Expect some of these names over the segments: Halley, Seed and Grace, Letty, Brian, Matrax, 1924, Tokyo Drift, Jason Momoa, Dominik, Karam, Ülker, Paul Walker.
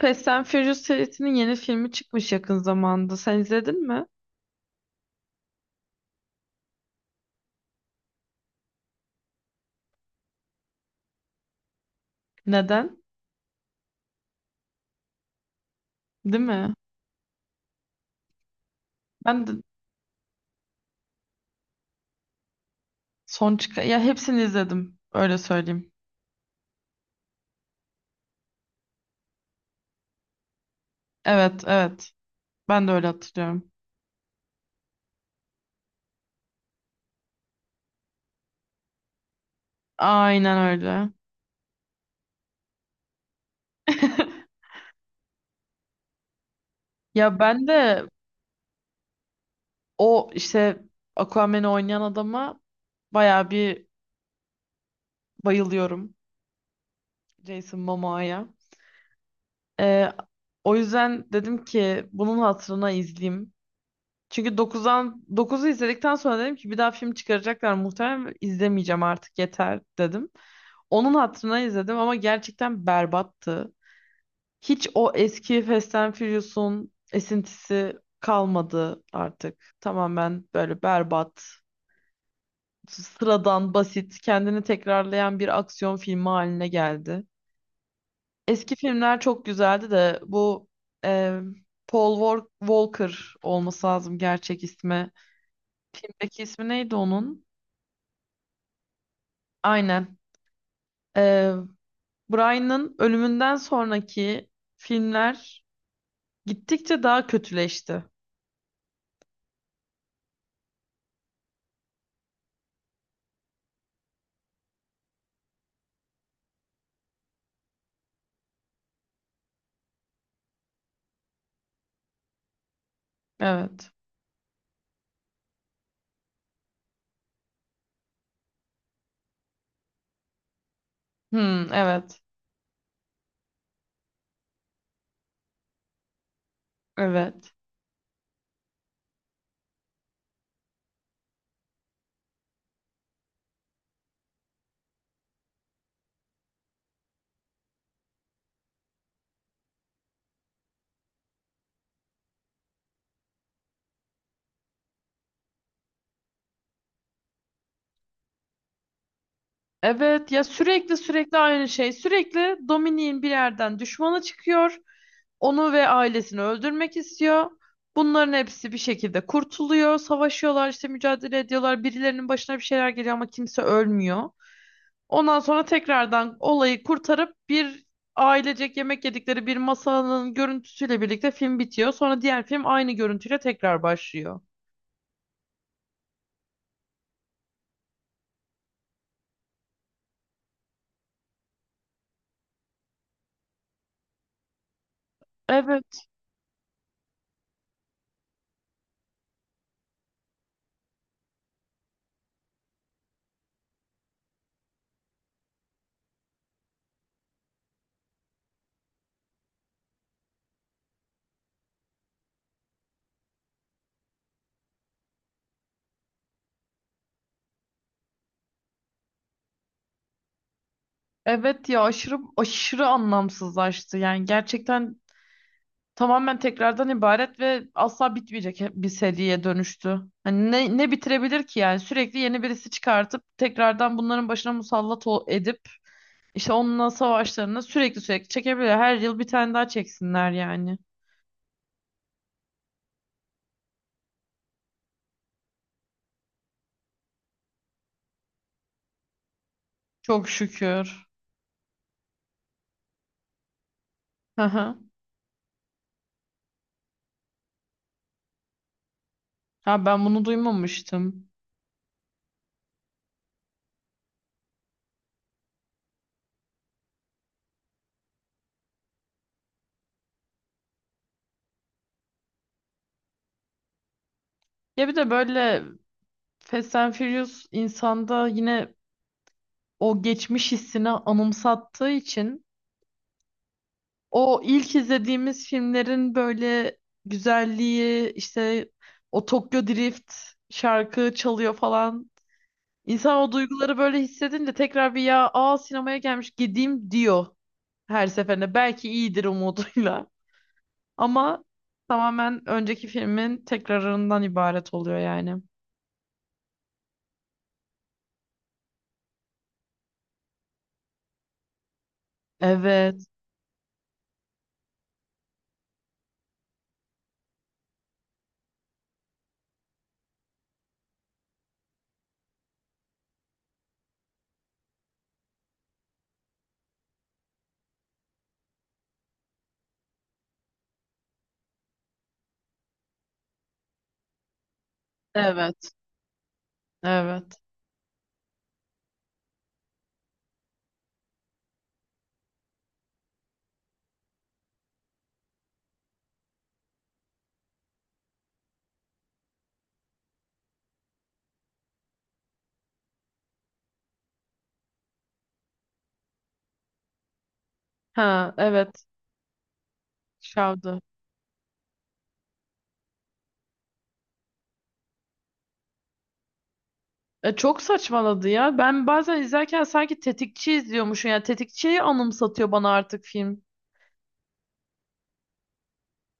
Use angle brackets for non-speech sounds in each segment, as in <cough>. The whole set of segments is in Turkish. Fast and Furious serisinin yeni filmi çıkmış yakın zamanda. Sen izledin mi? Neden? Değil mi? Ben de son çıkan... Ya hepsini izledim. Öyle söyleyeyim. Evet, evet. Ben de öyle hatırlıyorum. Aynen öyle. <laughs> Ya ben de o işte Aquaman'i oynayan adama bayağı bir bayılıyorum. Jason Momoa'ya. Ee, O yüzden dedim ki bunun hatırına izleyeyim. Çünkü 9'dan dokuzu izledikten sonra dedim ki bir daha film çıkaracaklar muhtemelen izlemeyeceğim artık yeter dedim. Onun hatırına izledim ama gerçekten berbattı. Hiç o eski Fast and Furious'un esintisi kalmadı artık. Tamamen böyle berbat, sıradan, basit, kendini tekrarlayan bir aksiyon filmi haline geldi. Eski filmler çok güzeldi de bu e, Paul Walker olması lazım gerçek ismi. Filmdeki ismi neydi onun? Aynen. Ee, Brian'ın ölümünden sonraki filmler gittikçe daha kötüleşti. Evet. Hmm, evet. Evet. Evet ya sürekli aynı şey. Sürekli Dominik'in bir yerden düşmanı çıkıyor. Onu ve ailesini öldürmek istiyor. Bunların hepsi bir şekilde kurtuluyor. Savaşıyorlar işte mücadele ediyorlar. Birilerinin başına bir şeyler geliyor ama kimse ölmüyor. Ondan sonra tekrardan olayı kurtarıp bir ailecek yemek yedikleri bir masanın görüntüsüyle birlikte film bitiyor. Sonra diğer film aynı görüntüyle tekrar başlıyor. Evet, evet ya aşırı aşırı anlamsızlaştı. Yani gerçekten tamamen tekrardan ibaret ve asla bitmeyecek bir seriye dönüştü. Hani ne bitirebilir ki yani sürekli yeni birisi çıkartıp tekrardan bunların başına musallat edip işte onunla savaşlarını sürekli çekebilir. Her yıl bir tane daha çeksinler yani. Çok şükür. Hı hı. Ha ben bunu duymamıştım. Ya bir de böyle Fast and Furious insanda yine o geçmiş hissini anımsattığı için o ilk izlediğimiz filmlerin böyle güzelliği işte o Tokyo Drift şarkı çalıyor falan. İnsan o duyguları böyle hissedince tekrar bir ya aa sinemaya gelmiş gideyim diyor her seferinde. Belki iyidir umuduyla <laughs> ama tamamen önceki filmin tekrarından ibaret oluyor yani. Evet, evet, evet. Ha, evet. Şavdı. Çok saçmaladı ya. Ben bazen izlerken sanki tetikçi izliyormuşum. Yani tetikçiyi anımsatıyor bana artık film.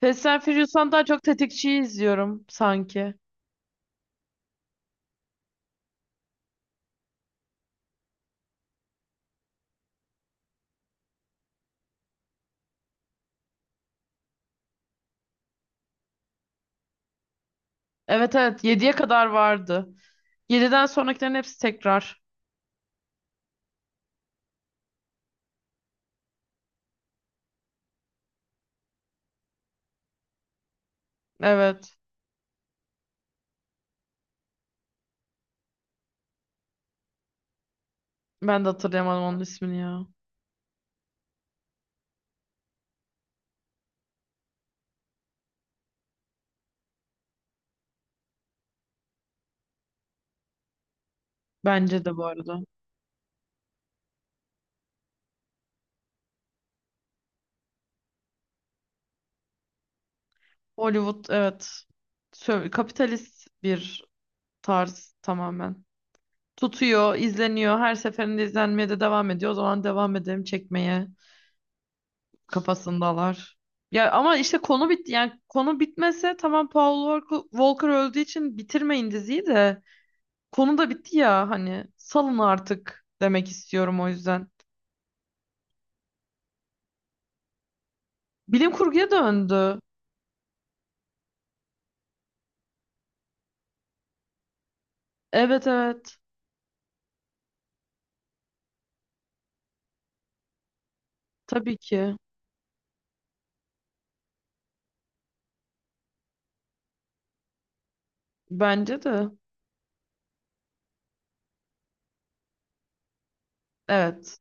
Fast and Furious'tan daha çok tetikçiyi izliyorum sanki. Evet, evet, yediye kadar vardı. Yediden sonrakilerin hepsi tekrar. Evet. Ben de hatırlayamadım onun ismini ya. Bence de bu arada. Hollywood, evet. Kapitalist bir tarz tamamen. Tutuyor, izleniyor. Her seferinde izlenmeye de devam ediyor. O zaman devam edelim çekmeye kafasındalar. Ya ama işte konu bitti. Yani konu bitmese tamam, Paul Walker öldüğü için bitirmeyin diziyi de. Konu da bitti ya, hani salın artık demek istiyorum o yüzden. Bilim kurguya döndü. Evet, evet. Tabii ki. Bence de. Evet.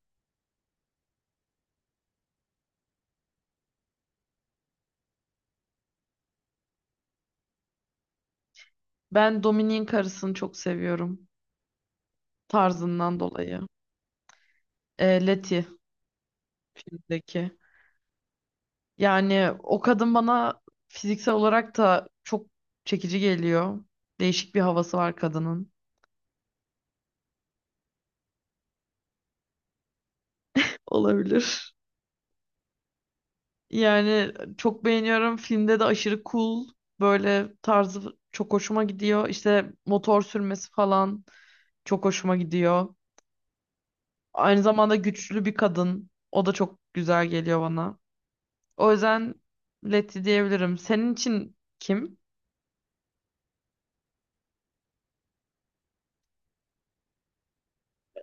Ben Dominik'in karısını çok seviyorum. Tarzından dolayı. Letty filmdeki. Yani o kadın bana fiziksel olarak da çok çekici geliyor. Değişik bir havası var kadının. Olabilir. Yani çok beğeniyorum. Filmde de aşırı cool. Böyle tarzı çok hoşuma gidiyor. İşte motor sürmesi falan çok hoşuma gidiyor. Aynı zamanda güçlü bir kadın. O da çok güzel geliyor bana. O yüzden Letty diyebilirim. Senin için kim?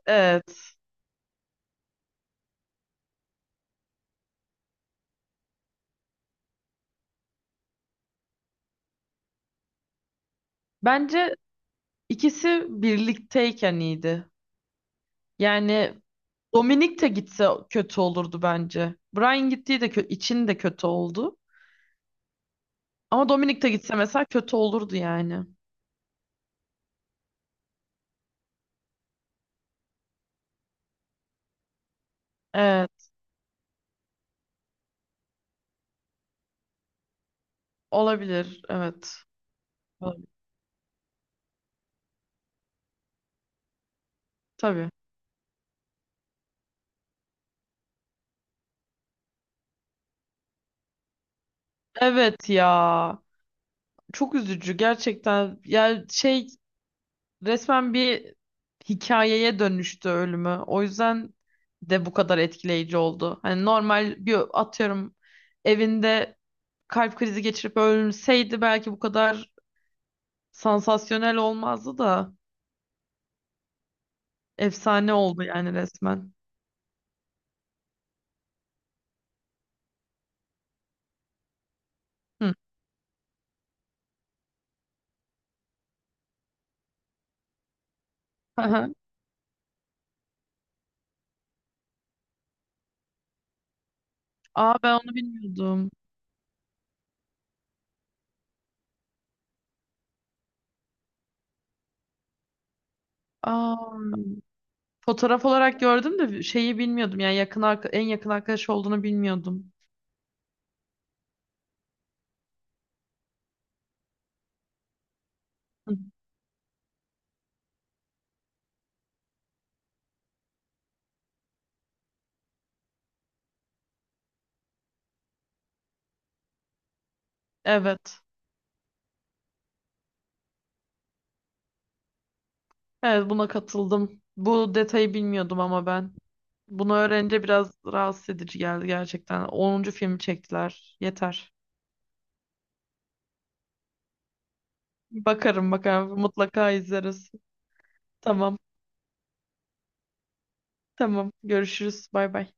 Evet. Bence ikisi birlikteyken iyiydi. Yani Dominik de gitse kötü olurdu bence. Brian gittiği de için de kötü oldu. Ama Dominik de gitse mesela kötü olurdu yani. Evet, olabilir. Evet. Olabilir. Tabii. Evet ya. Çok üzücü gerçekten. Yani şey, resmen bir hikayeye dönüştü ölümü. O yüzden de bu kadar etkileyici oldu. Hani normal bir atıyorum evinde kalp krizi geçirip ölseydi belki bu kadar sansasyonel olmazdı da. Efsane oldu yani resmen. Hı. Hı hı. Aa, ben onu bilmiyordum. Aa, fotoğraf olarak gördüm de şeyi bilmiyordum. Yani yakın en yakın arkadaş olduğunu bilmiyordum. Hı. Evet. Evet, buna katıldım. Bu detayı bilmiyordum ama ben. Bunu öğrenince biraz rahatsız edici geldi gerçekten. Onuncu filmi çektiler. Yeter. Bakarım, bakarım. Mutlaka izleriz. Tamam. Tamam. Görüşürüz. Bay bay.